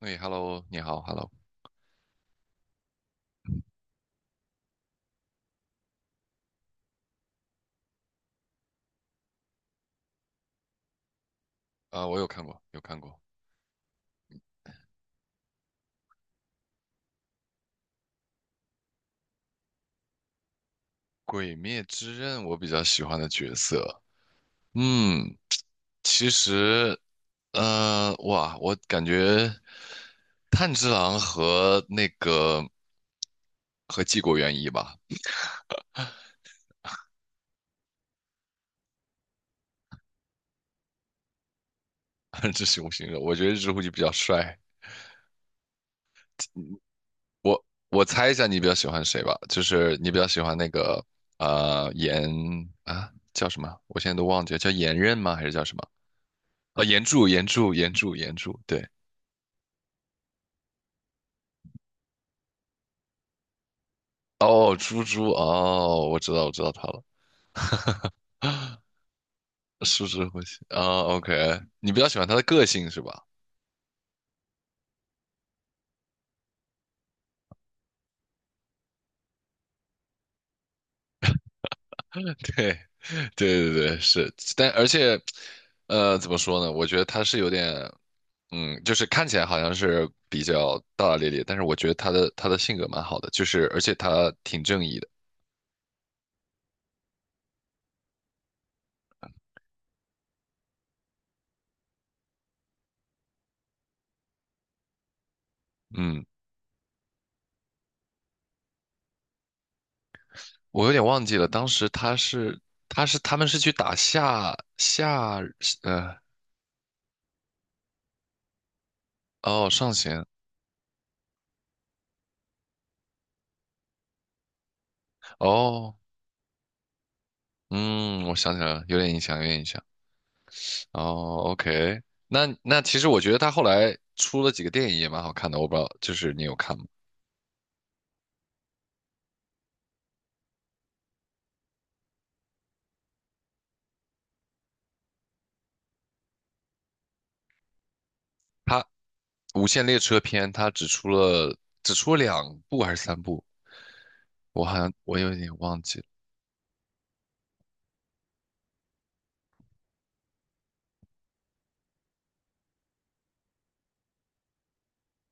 哎，Hello，你好，Hello，啊，我有看过，有看过《鬼灭之刃》，我比较喜欢的角色。嗯，其实，哇，我感觉炭治郎和那个和纪国原一吧，这是我形容我觉得日户就比较帅。我我猜一下，你比较喜欢谁吧？就是你比较喜欢那个岩啊，叫什么？我现在都忘记了，叫岩刃吗？还是叫什么？啊，岩柱，岩柱，岩柱，岩柱，对。哦，猪猪哦，我知道，我知道他了，树枝呼吸啊，OK,你比较喜欢他的个性是吧？对，对对对，是，但而且，怎么说呢？我觉得他是有点，就是看起来好像是比较大大咧咧，但是我觉得他的性格蛮好的，就是而且他挺正义的，嗯，我有点忘记了，当时他们是去打下呃哦上弦哦。嗯，我想起来了，有点印象，有点印象。哦，OK,那其实我觉得他后来出了几个电影也蛮好看的，我不知道，就是你有看吗？他《无限列车篇》，他只出了两部还是三部，我好像我有点忘记了。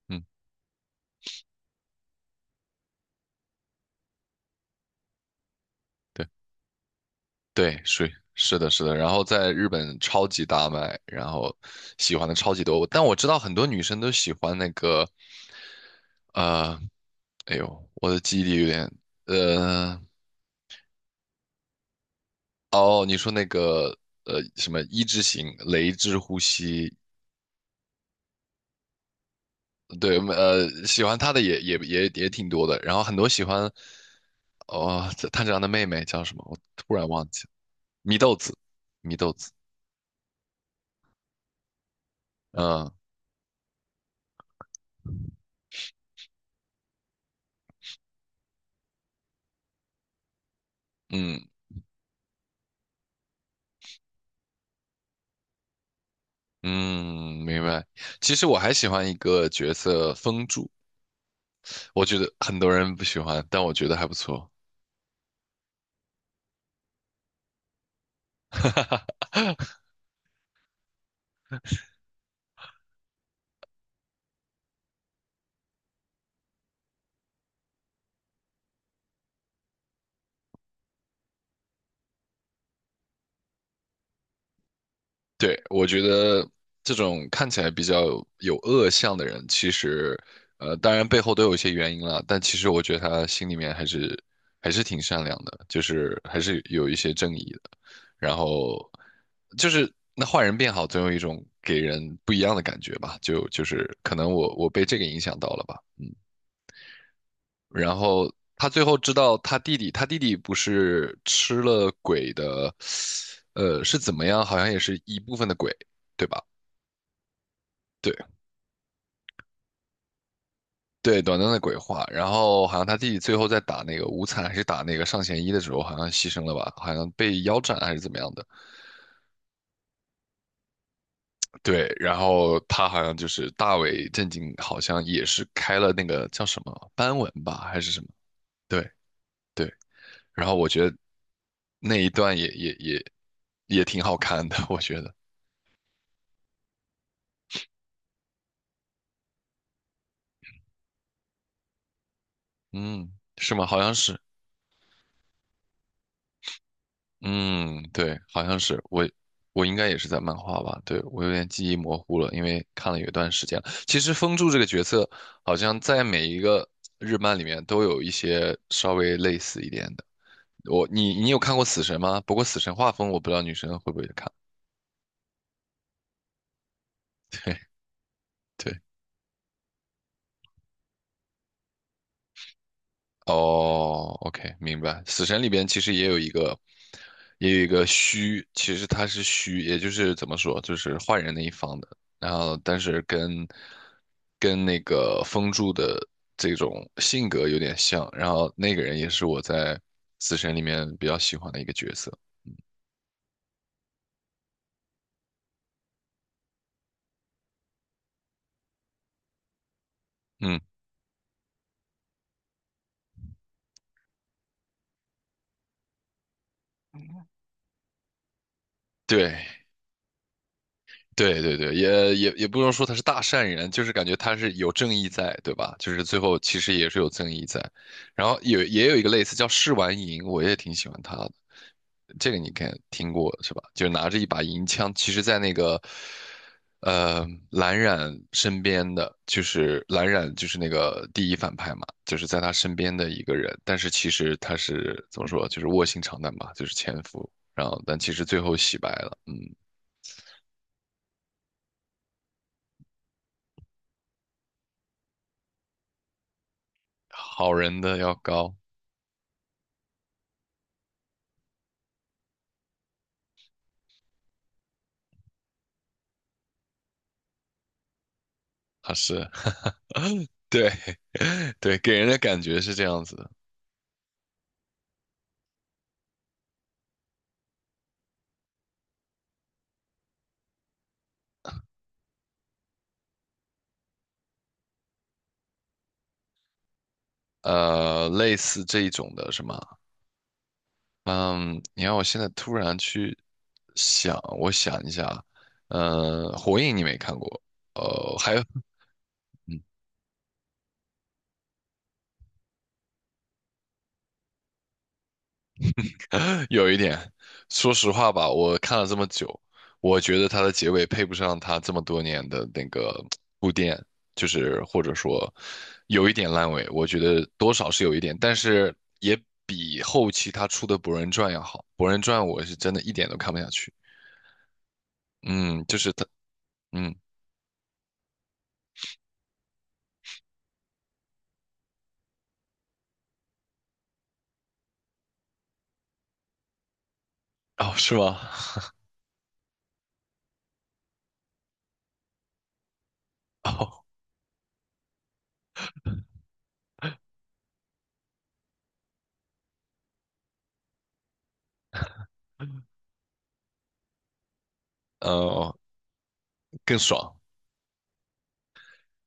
嗯，对对，是的，是的。然后在日本超级大卖，然后喜欢的超级多。但我知道很多女生都喜欢那个呃，哎呦，我的记忆力有点呃。哦，你说那个什么一之型雷之呼吸，对，喜欢他的也挺多的，然后很多喜欢哦炭治郎的妹妹叫什么，我突然忘记了，祢豆子，祢豆子，嗯嗯嗯，明白。其实我还喜欢一个角色风柱，我觉得很多人不喜欢，但我觉得还不错。对，我觉得这种看起来比较有恶相的人，其实，当然背后都有一些原因啦，但其实我觉得他心里面还是挺善良的，就是还是有一些正义的。然后就是那坏人变好，总有一种给人不一样的感觉吧，就是可能我被这个影响到了吧，嗯。然后他最后知道他弟弟，他弟弟不是吃了鬼的，是怎么样？好像也是一部分的鬼，对吧？对对，短暂的鬼话。然后好像他弟弟最后在打那个无惨还是打那个上弦一的时候，好像牺牲了吧？好像被腰斩还是怎么样的？对，然后他好像就是大为震惊，好像也是开了那个叫什么斑纹吧，还是什么？对对。然后我觉得那一段也挺好看的，我觉得。嗯，是吗？好像是。嗯，对，好像是我，我应该也是在漫画吧？对，我有点记忆模糊了，因为看了有一段时间了其实风柱这个角色，好像在每一个日漫里面都有一些稍微类似一点的。我，你，你有看过《死神》吗？不过《死神》画风，我不知道女生会不会看。对，对，哦，OK,明白。死神里边其实也有一个，也有一个虚，其实他是虚，也就是怎么说，就是坏人那一方的。然后，但是跟那个风柱的这种性格有点像。然后那个人也是我在死神里面比较喜欢的一个角色。嗯，对。对对对，也不能说他是大善人，就是感觉他是有正义在，对吧？就是最后其实也是有正义在。然后也有一个类似叫试完银，我也挺喜欢他的。这个你看听过是吧？就是拿着一把银枪，其实在那个蓝染身边的，就是蓝染就是那个第一反派嘛，就是在他身边的一个人，但是其实他是怎么说，就是卧薪尝胆吧，就是潜伏，然后但其实最后洗白了，嗯。好人的要高啊，是 对 对，给人的感觉是这样子的，类似这一种的是吗？嗯，你让我现在突然去想，我想一下，火影你没看过，还有。有一点，说实话吧，我看了这么久，我觉得它的结尾配不上它这么多年的那个铺垫，就是或者说有一点烂尾，我觉得多少是有一点，但是也比后期他出的《博人传》要好，《博人传》我是真的一点都看不下去。嗯，就是他，嗯，哦，是吗？哦，呃，更爽。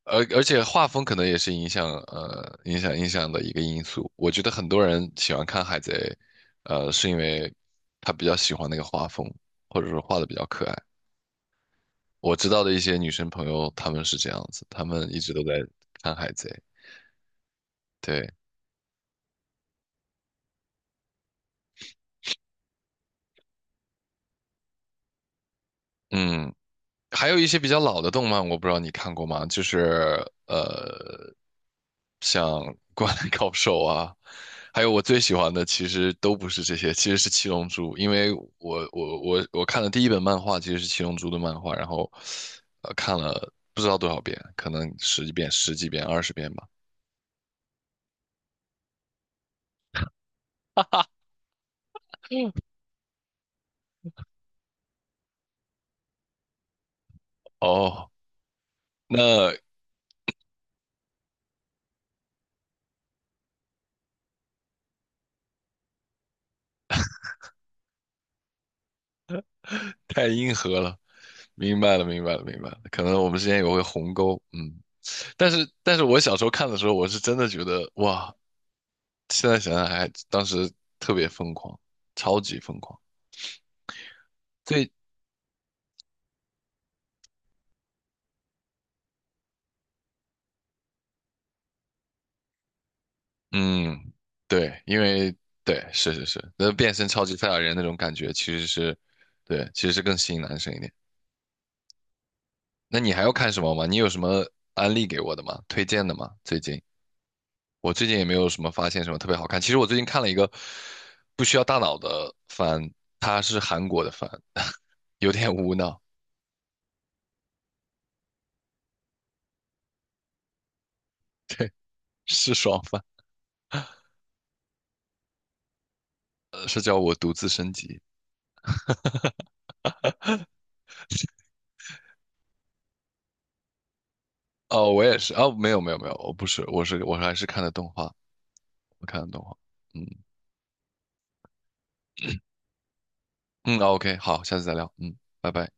而且画风可能也是影响的一个因素。我觉得很多人喜欢看《海贼》，是因为他比较喜欢那个画风，或者说画的比较可爱。我知道的一些女生朋友，她们是这样子，她们一直都在看《海贼》。对，嗯。还有一些比较老的动漫，我不知道你看过吗？就是像《灌篮高手》啊，还有我最喜欢的，其实都不是这些，其实是《七龙珠》，因为我看的第一本漫画其实是《七龙珠》的漫画，然后看了不知道多少遍，可能十几遍、十几遍、20遍吧。哦，那太硬核了，明白了，明白了，明白了，可能我们之间也会鸿沟，嗯。但是，但是我小时候看的时候，我是真的觉得哇，现在想想还当时特别疯狂，超级疯狂。最嗯，对，因为对，是是是，那变身超级赛亚人那种感觉其实是，对，其实是更吸引男生一点。那你还要看什么吗？你有什么安利给我的吗？推荐的吗？最近我最近也没有什么发现什么特别好看。其实我最近看了一个不需要大脑的番，它是韩国的番，有点无脑，是爽番，是叫我独自升级。哦，我也是哦，没有没有没有，我不是，我还是看的动画，我看的动画，嗯嗯哦，OK,好，下次再聊，嗯，拜拜。